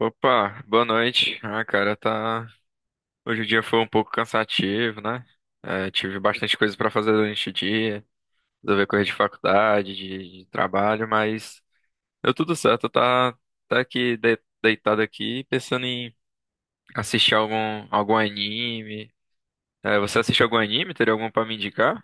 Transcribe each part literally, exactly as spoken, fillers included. Opa, boa noite. Ah, cara, tá. Hoje o dia foi um pouco cansativo, né? É, tive bastante coisa pra fazer durante o dia, resolver coisa de faculdade, de, de trabalho, mas deu tudo certo. Tá, tá aqui de- deitado aqui, pensando em assistir algum algum anime. É, você assiste algum anime? Teria algum pra me indicar?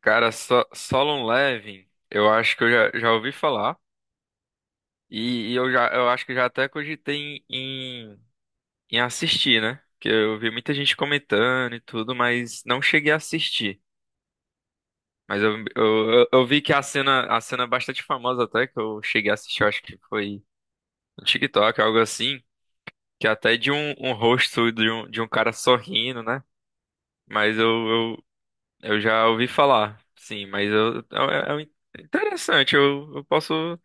Cara, so, Solo Leveling, eu acho que eu já, já ouvi falar e, e eu já eu acho que já até cogitei em em assistir, né? Que eu vi muita gente comentando e tudo, mas não cheguei a assistir. Mas eu, eu, eu eu vi que a cena, a cena é bastante famosa até, que eu cheguei a assistir, eu acho que foi no TikTok, algo assim, que é até de um, um rosto de um, de um cara sorrindo, né? Mas eu, eu, eu já ouvi falar, sim, mas eu, é, é, é interessante, eu, eu posso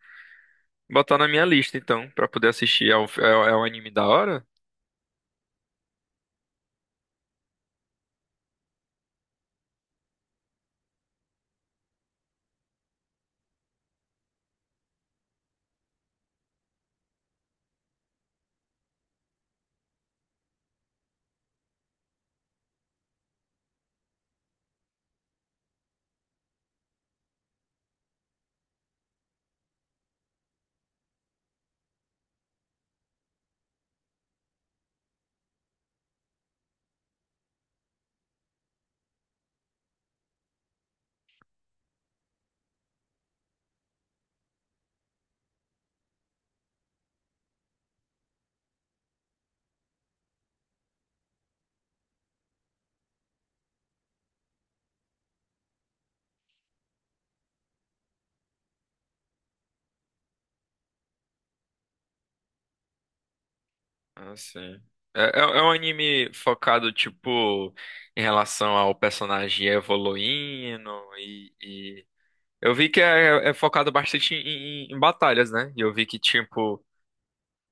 botar na minha lista, então, pra poder assistir. É um, é um é um anime da hora? Ah, sim. É, é, é um anime focado, tipo, em relação ao personagem evoluindo e, e... Eu vi que é, é focado bastante em, em- em batalhas, né? E eu vi que, tipo,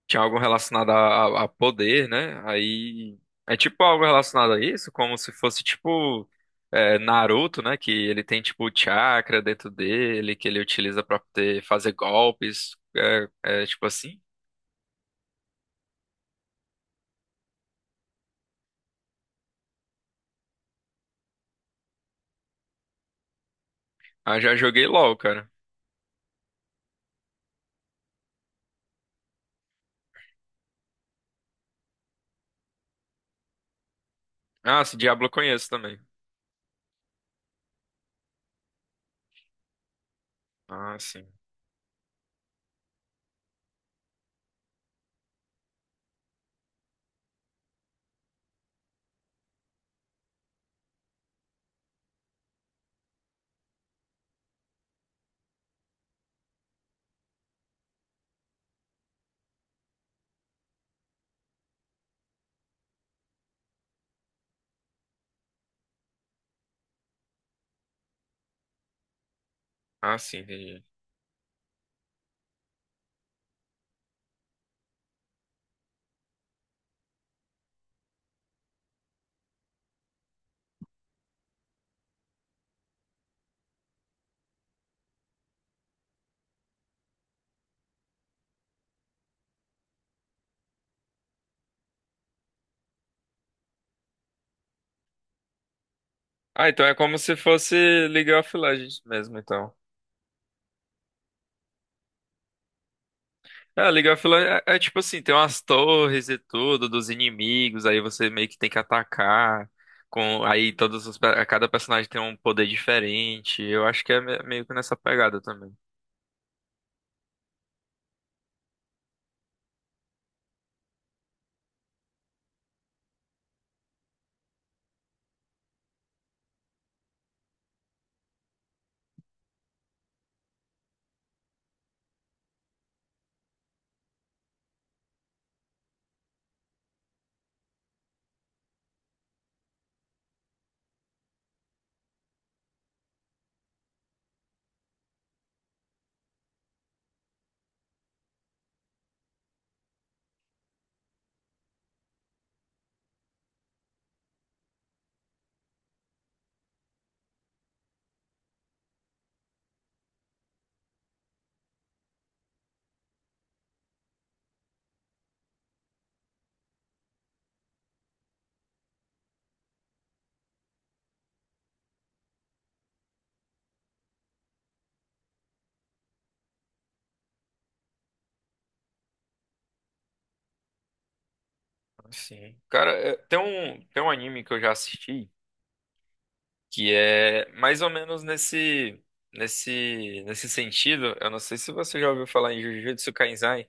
tinha algo relacionado a, a a poder, né? Aí... É tipo algo relacionado a isso, como se fosse, tipo, é, Naruto, né? Que ele tem, tipo, o chakra dentro dele, que ele utiliza pra poder fazer golpes. É, é tipo assim. Ah, já joguei LOL, cara. Ah, esse Diablo eu conheço também. Ah, sim. Ah, sim, entendi. Ah, então é como se fosse League of Legends mesmo, então. É, League of Legends é, é tipo assim, tem umas torres e tudo dos inimigos, aí você meio que tem que atacar com aí todos os pe- cada personagem tem um poder diferente. Eu acho que é me- meio que nessa pegada também. Ah, sim. Cara, é, tem um tem um anime que eu já assisti que é mais ou menos nesse nesse nesse sentido. Eu não sei se você já ouviu falar em Jujutsu Kaisen.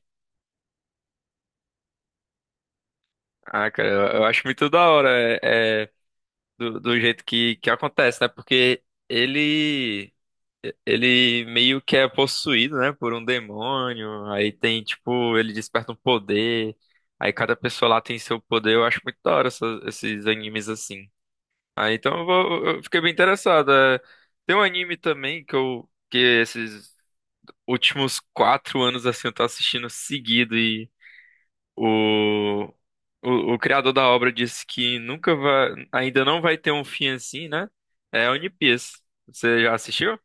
Ah, cara, eu, eu acho muito da hora é, é, do, do jeito que, que acontece, né? Porque ele ele meio que é possuído, né, por um demônio. Aí tem, tipo, ele desperta um poder. Aí cada pessoa lá tem seu poder. Eu acho muito da hora essas- esses animes assim. Ah, então eu, vou, eu fiquei bem interessado. É, tem um anime também que eu que esses últimos quatro anos assim eu tô assistindo seguido o, o, o criador da obra disse que nunca vai, ainda não vai ter um fim assim, né? É One Piece. Você já assistiu?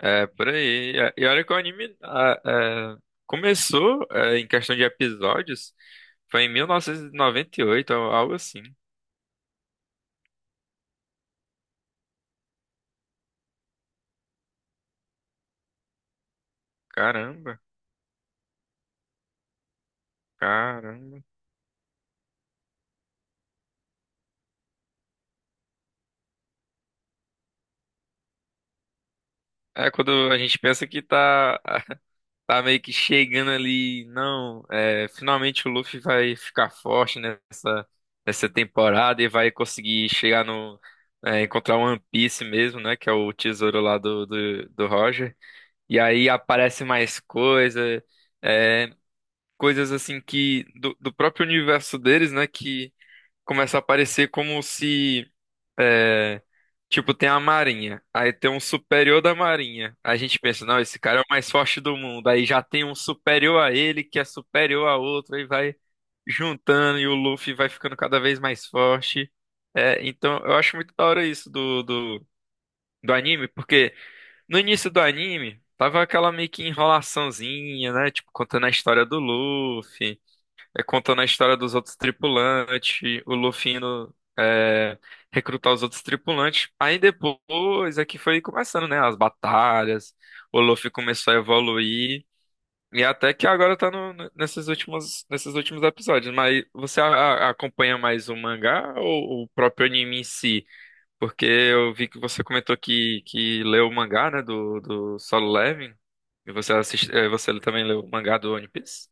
É, por aí. E e olha que o anime ah, é, começou, é, em questão de episódios, foi em mil novecentos e noventa e oito, al- algo assim. Caramba, Caramba. É quando a gente pensa que tá, tá meio que chegando ali. Não, é, finalmente o Luffy vai ficar forte nessa, nessa temporada e vai conseguir chegar no, é, encontrar o One Piece mesmo, né? Que é o tesouro lá do, do, do Roger. E aí aparece mais coisa, é, coisas assim que. Do, do próprio universo deles, né? Que começa a aparecer como se. É, tipo, tem a Marinha, aí tem um superior da Marinha. Aí a gente pensa, não, esse cara é o mais forte do mundo. Aí já tem um superior a ele, que é superior a outro, aí vai juntando e o Luffy vai ficando cada vez mais forte. É, então, eu acho muito da hora isso do, do, do anime, porque no início do anime tava aquela meio que enrolaçãozinha, né? Tipo, contando a história do Luffy, é, contando a história dos outros tripulantes, o Luffy indo, é, recrutar os outros tripulantes. Aí depois é que foi começando, né? As batalhas, o Luffy começou a evoluir. E até que agora tá no- no- nesses últimos, nesses últimos episódios. Mas você a- a- acompanha mais o mangá ou o próprio anime em si? Porque eu vi que você comentou que, que leu o mangá, né? Do, do Solo Leveling. E você assiste, eh, você também leu o mangá do One Piece?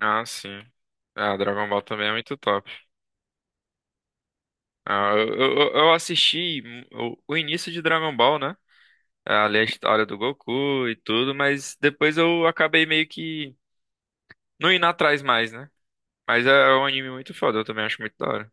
Ah, sim. Ah, Dragon Ball também é muito top. Ah, eu, eu, eu assisti o, o início de Dragon Ball, né? É, ali a história do Goku e tudo, mas depois eu acabei meio que não indo atrás mais, né? Mas é é um anime muito foda, eu também acho muito da hora.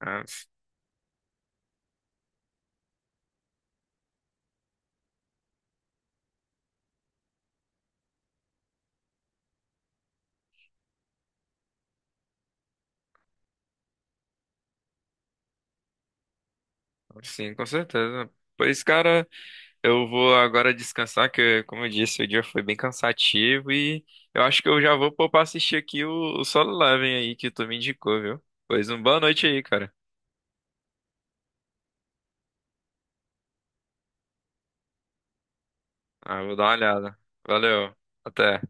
Ah, sim, com certeza. Pois, cara, eu vou agora descansar, que, como eu disse, o dia foi bem cansativo e eu acho que eu já vou pôr pra assistir aqui o, o Solo Leveling aí que tu me indicou, viu? Pois, uma boa noite aí, cara. Ah, vou dar uma olhada. Valeu. Até.